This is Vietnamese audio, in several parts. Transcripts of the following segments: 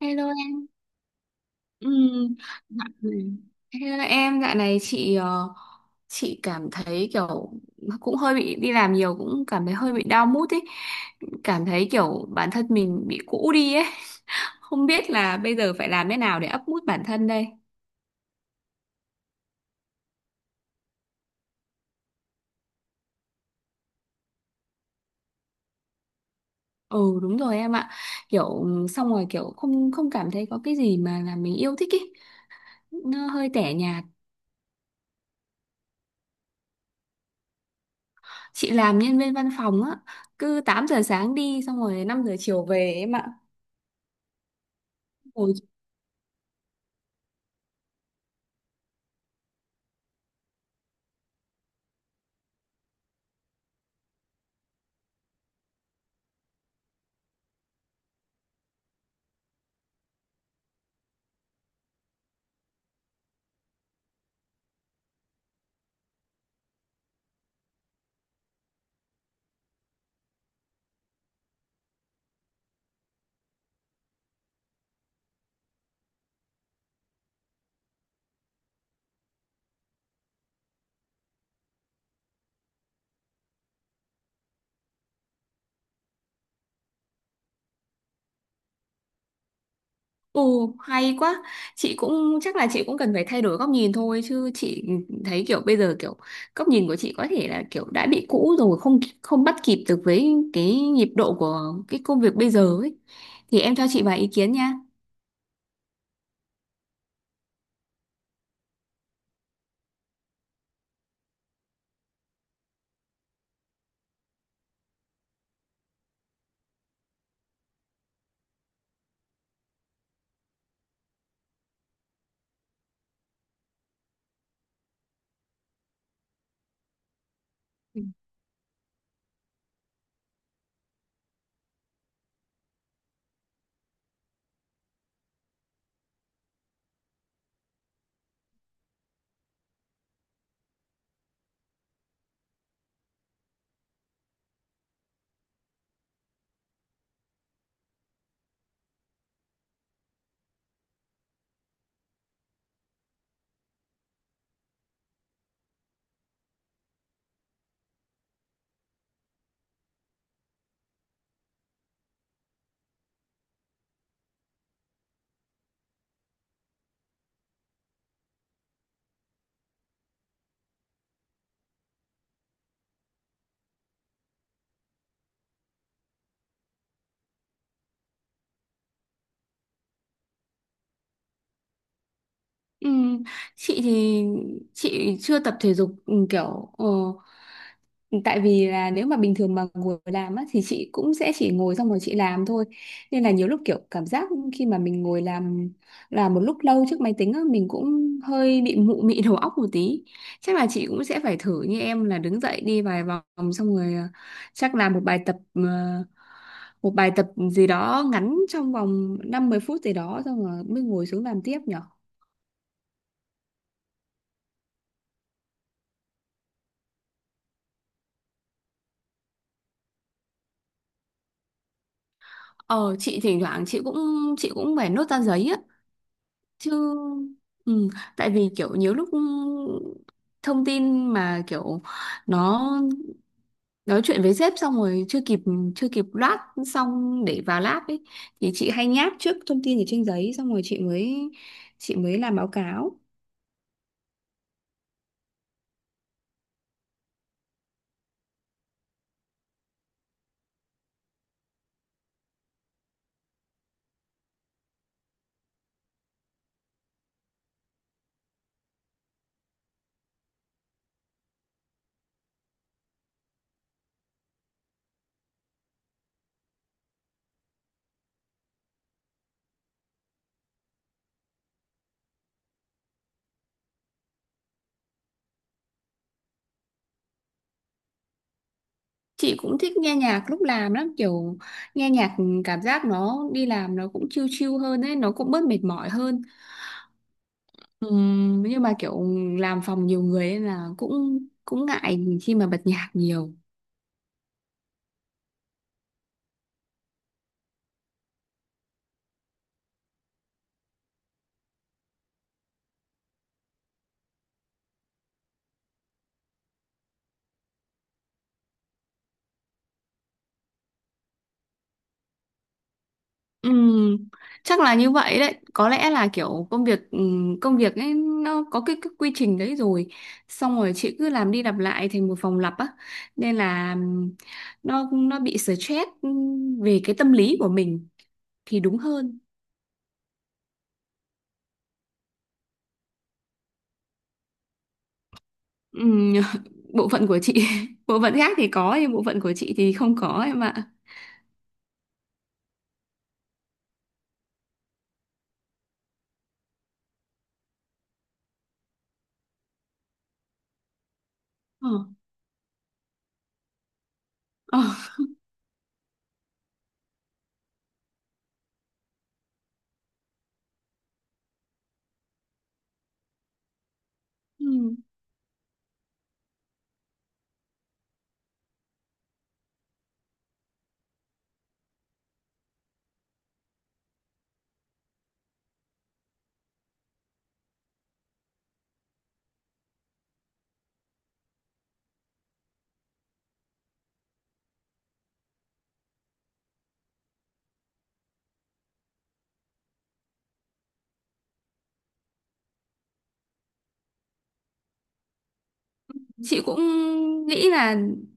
Hello em. Ừm. dạ- Hello em, dạo này chị cảm thấy kiểu cũng hơi bị đi làm nhiều, cũng cảm thấy hơi bị down mood ấy. Cảm thấy kiểu bản thân mình bị cũ đi ấy. Không biết là bây giờ phải làm thế nào để up mood bản thân đây. Ừ, đúng rồi em ạ. Kiểu xong rồi kiểu không không cảm thấy có cái gì mà là mình yêu thích ấy. Nó hơi tẻ nhạt. Chị làm nhân viên văn phòng á, cứ 8 giờ sáng đi xong rồi 5 giờ chiều về em ạ. Ừ, hay quá. Chị cũng chắc là chị cũng cần phải thay đổi góc nhìn thôi, chứ chị thấy kiểu bây giờ kiểu góc nhìn của chị có thể là kiểu đã bị cũ rồi, không không bắt kịp được với cái nhịp độ của cái công việc bây giờ ấy. Thì em cho chị vài ý kiến nha. Ừ, chị thì chị chưa tập thể dục. Tại vì là nếu mà bình thường mà ngồi làm á, thì chị cũng sẽ chỉ ngồi xong rồi chị làm thôi. Nên là nhiều lúc kiểu cảm giác khi mà mình ngồi làm, một lúc lâu trước máy tính á, mình cũng hơi bị mụ mị đầu óc một tí. Chắc là chị cũng sẽ phải thử như em là đứng dậy đi vài vòng xong rồi, chắc làm một bài tập, một bài tập gì đó ngắn trong vòng 5 10 phút gì đó xong rồi mới ngồi xuống làm tiếp nhở. Ờ, chị thỉnh thoảng chị cũng phải nốt ra giấy á chứ. Ừ, tại vì kiểu nhiều lúc thông tin mà kiểu nó, nói chuyện với sếp xong rồi chưa kịp loát xong để vào lab ấy, thì chị hay nháp trước thông tin ở trên giấy xong rồi chị mới làm báo cáo. Chị cũng thích nghe nhạc lúc làm lắm, kiểu nghe nhạc cảm giác nó đi làm nó cũng chill chill hơn ấy, nó cũng bớt mệt mỏi hơn. Nhưng mà kiểu làm phòng nhiều người ấy là cũng cũng ngại khi mà bật nhạc nhiều. Ừm, chắc là như vậy đấy. Có lẽ là kiểu công việc ấy nó có cái quy trình đấy rồi. Xong rồi chị cứ làm đi làm lại thành một vòng lặp á. Nên là, nó bị stress, về cái tâm lý của mình thì đúng hơn. Ừm. Bộ phận của chị, bộ phận khác thì có, nhưng bộ phận của chị thì không có em ạ. Ờ. Ờ. Ừm. Chị cũng nghĩ là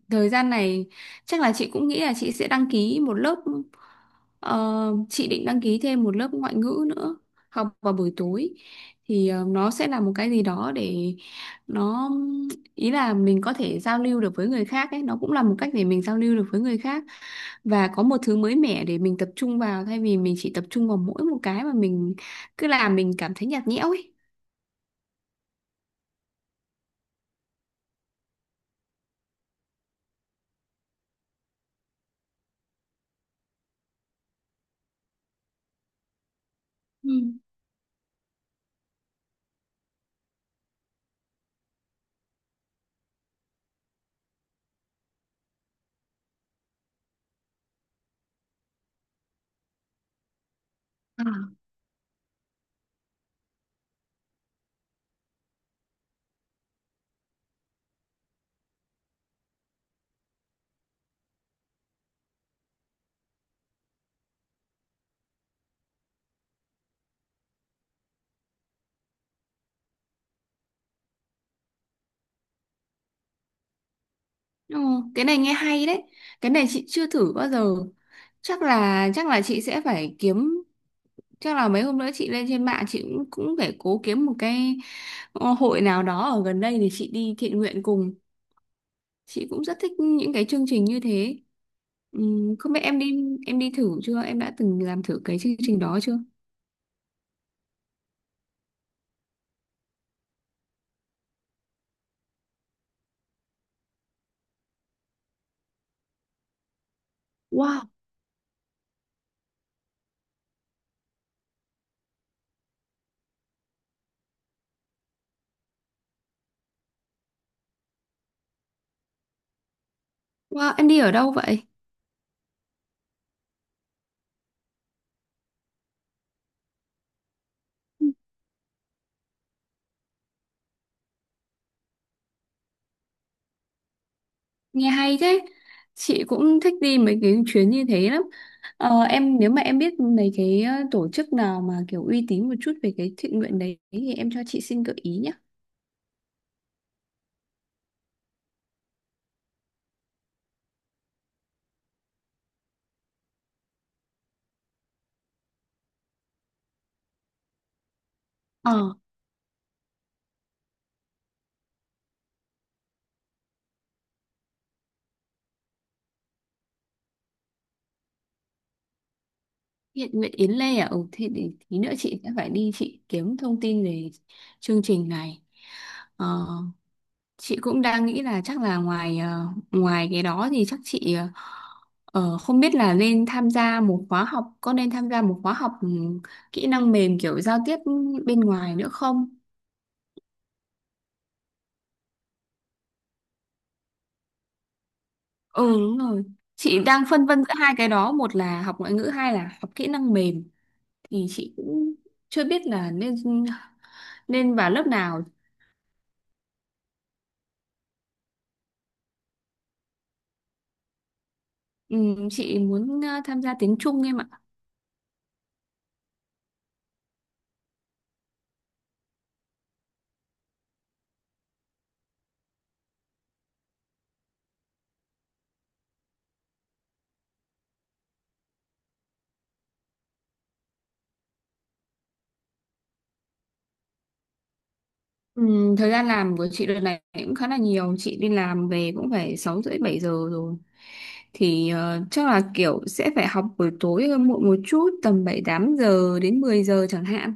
thời gian này, chắc là chị cũng nghĩ là chị sẽ đăng ký một lớp, ờ, chị định đăng ký thêm một lớp ngoại ngữ nữa, học vào buổi tối, thì, nó sẽ là một cái gì đó để nó, ý là mình có thể giao lưu được với người khác ấy, nó cũng là một cách để mình giao lưu được với người khác, và có một thứ mới mẻ để mình tập trung vào thay vì mình chỉ tập trung vào mỗi một cái mà mình cứ làm mình cảm thấy nhạt nhẽo ấy. Ừ. Ồ, cái này nghe hay đấy. Cái này chị chưa thử bao giờ. Chắc là chị sẽ phải kiếm, chắc là mấy hôm nữa chị lên trên mạng chị cũng cũng phải cố kiếm một cái, hội nào đó ở gần đây để chị đi thiện nguyện cùng. Chị cũng rất thích những cái chương trình như thế. Không biết em đi, thử chưa? Em đã từng làm thử cái chương trình đó chưa? Wow, wow, em đi ở đâu vậy? Nghe hay thế. Chị cũng thích đi mấy cái chuyến như thế lắm. Ờ, em nếu mà em biết mấy cái, tổ chức nào mà kiểu uy tín một chút về cái thiện nguyện đấy, thì em cho chị xin gợi ý nhé. Ờ, thiện nguyện Yến Lê à? Ừ, thì để tí nữa chị sẽ phải đi chị kiếm thông tin về chương trình này. Ờ, chị cũng đang nghĩ là chắc là ngoài cái đó thì chắc chị, không biết là nên tham gia một khóa học, có nên tham gia một khóa học, kỹ năng mềm kiểu giao tiếp bên ngoài nữa không? Ừ, đúng rồi. Chị đang phân vân giữa hai cái đó, một là học ngoại ngữ, hai là học kỹ năng mềm, thì chị cũng chưa biết là nên nên vào lớp nào. Ừ, chị muốn, tham gia tiếng Trung em ạ. Ừ, thời gian làm của chị đợt này cũng khá là nhiều, chị đi làm về cũng phải 6 rưỡi 7 giờ rồi, thì, chắc là kiểu sẽ phải học buổi tối hơn, muộn một chút tầm 7 8 giờ đến 10 giờ chẳng hạn.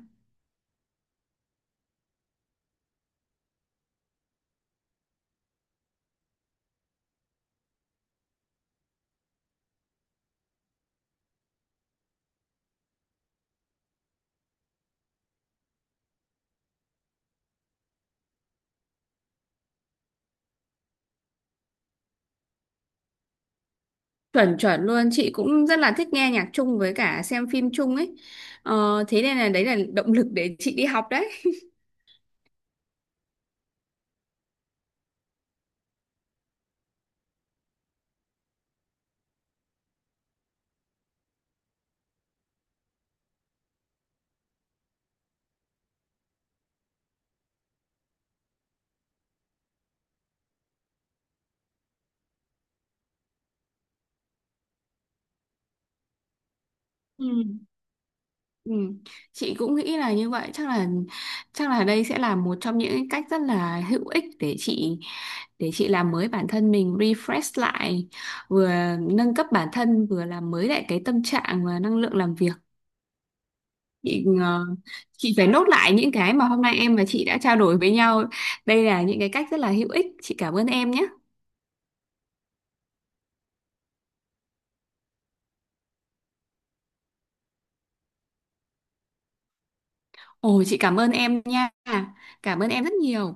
Chuẩn chuẩn luôn, chị cũng rất là thích nghe nhạc chung với cả xem phim chung ấy. Ờ, thế nên là đấy là động lực để chị đi học đấy. Ừ. Ừ. Chị cũng nghĩ là như vậy, chắc là đây sẽ là một trong những cách rất là hữu ích để chị, làm mới bản thân mình, refresh lại, vừa nâng cấp bản thân, vừa làm mới lại cái tâm trạng và năng lượng làm việc. Chị ờ, chị phải nốt lại những cái mà hôm nay em và chị đã trao đổi với nhau, đây là những cái cách rất là hữu ích. Chị cảm ơn em nhé. Ồ, chị cảm ơn em nha, cảm ơn em rất nhiều.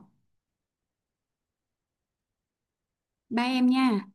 Bye em nha.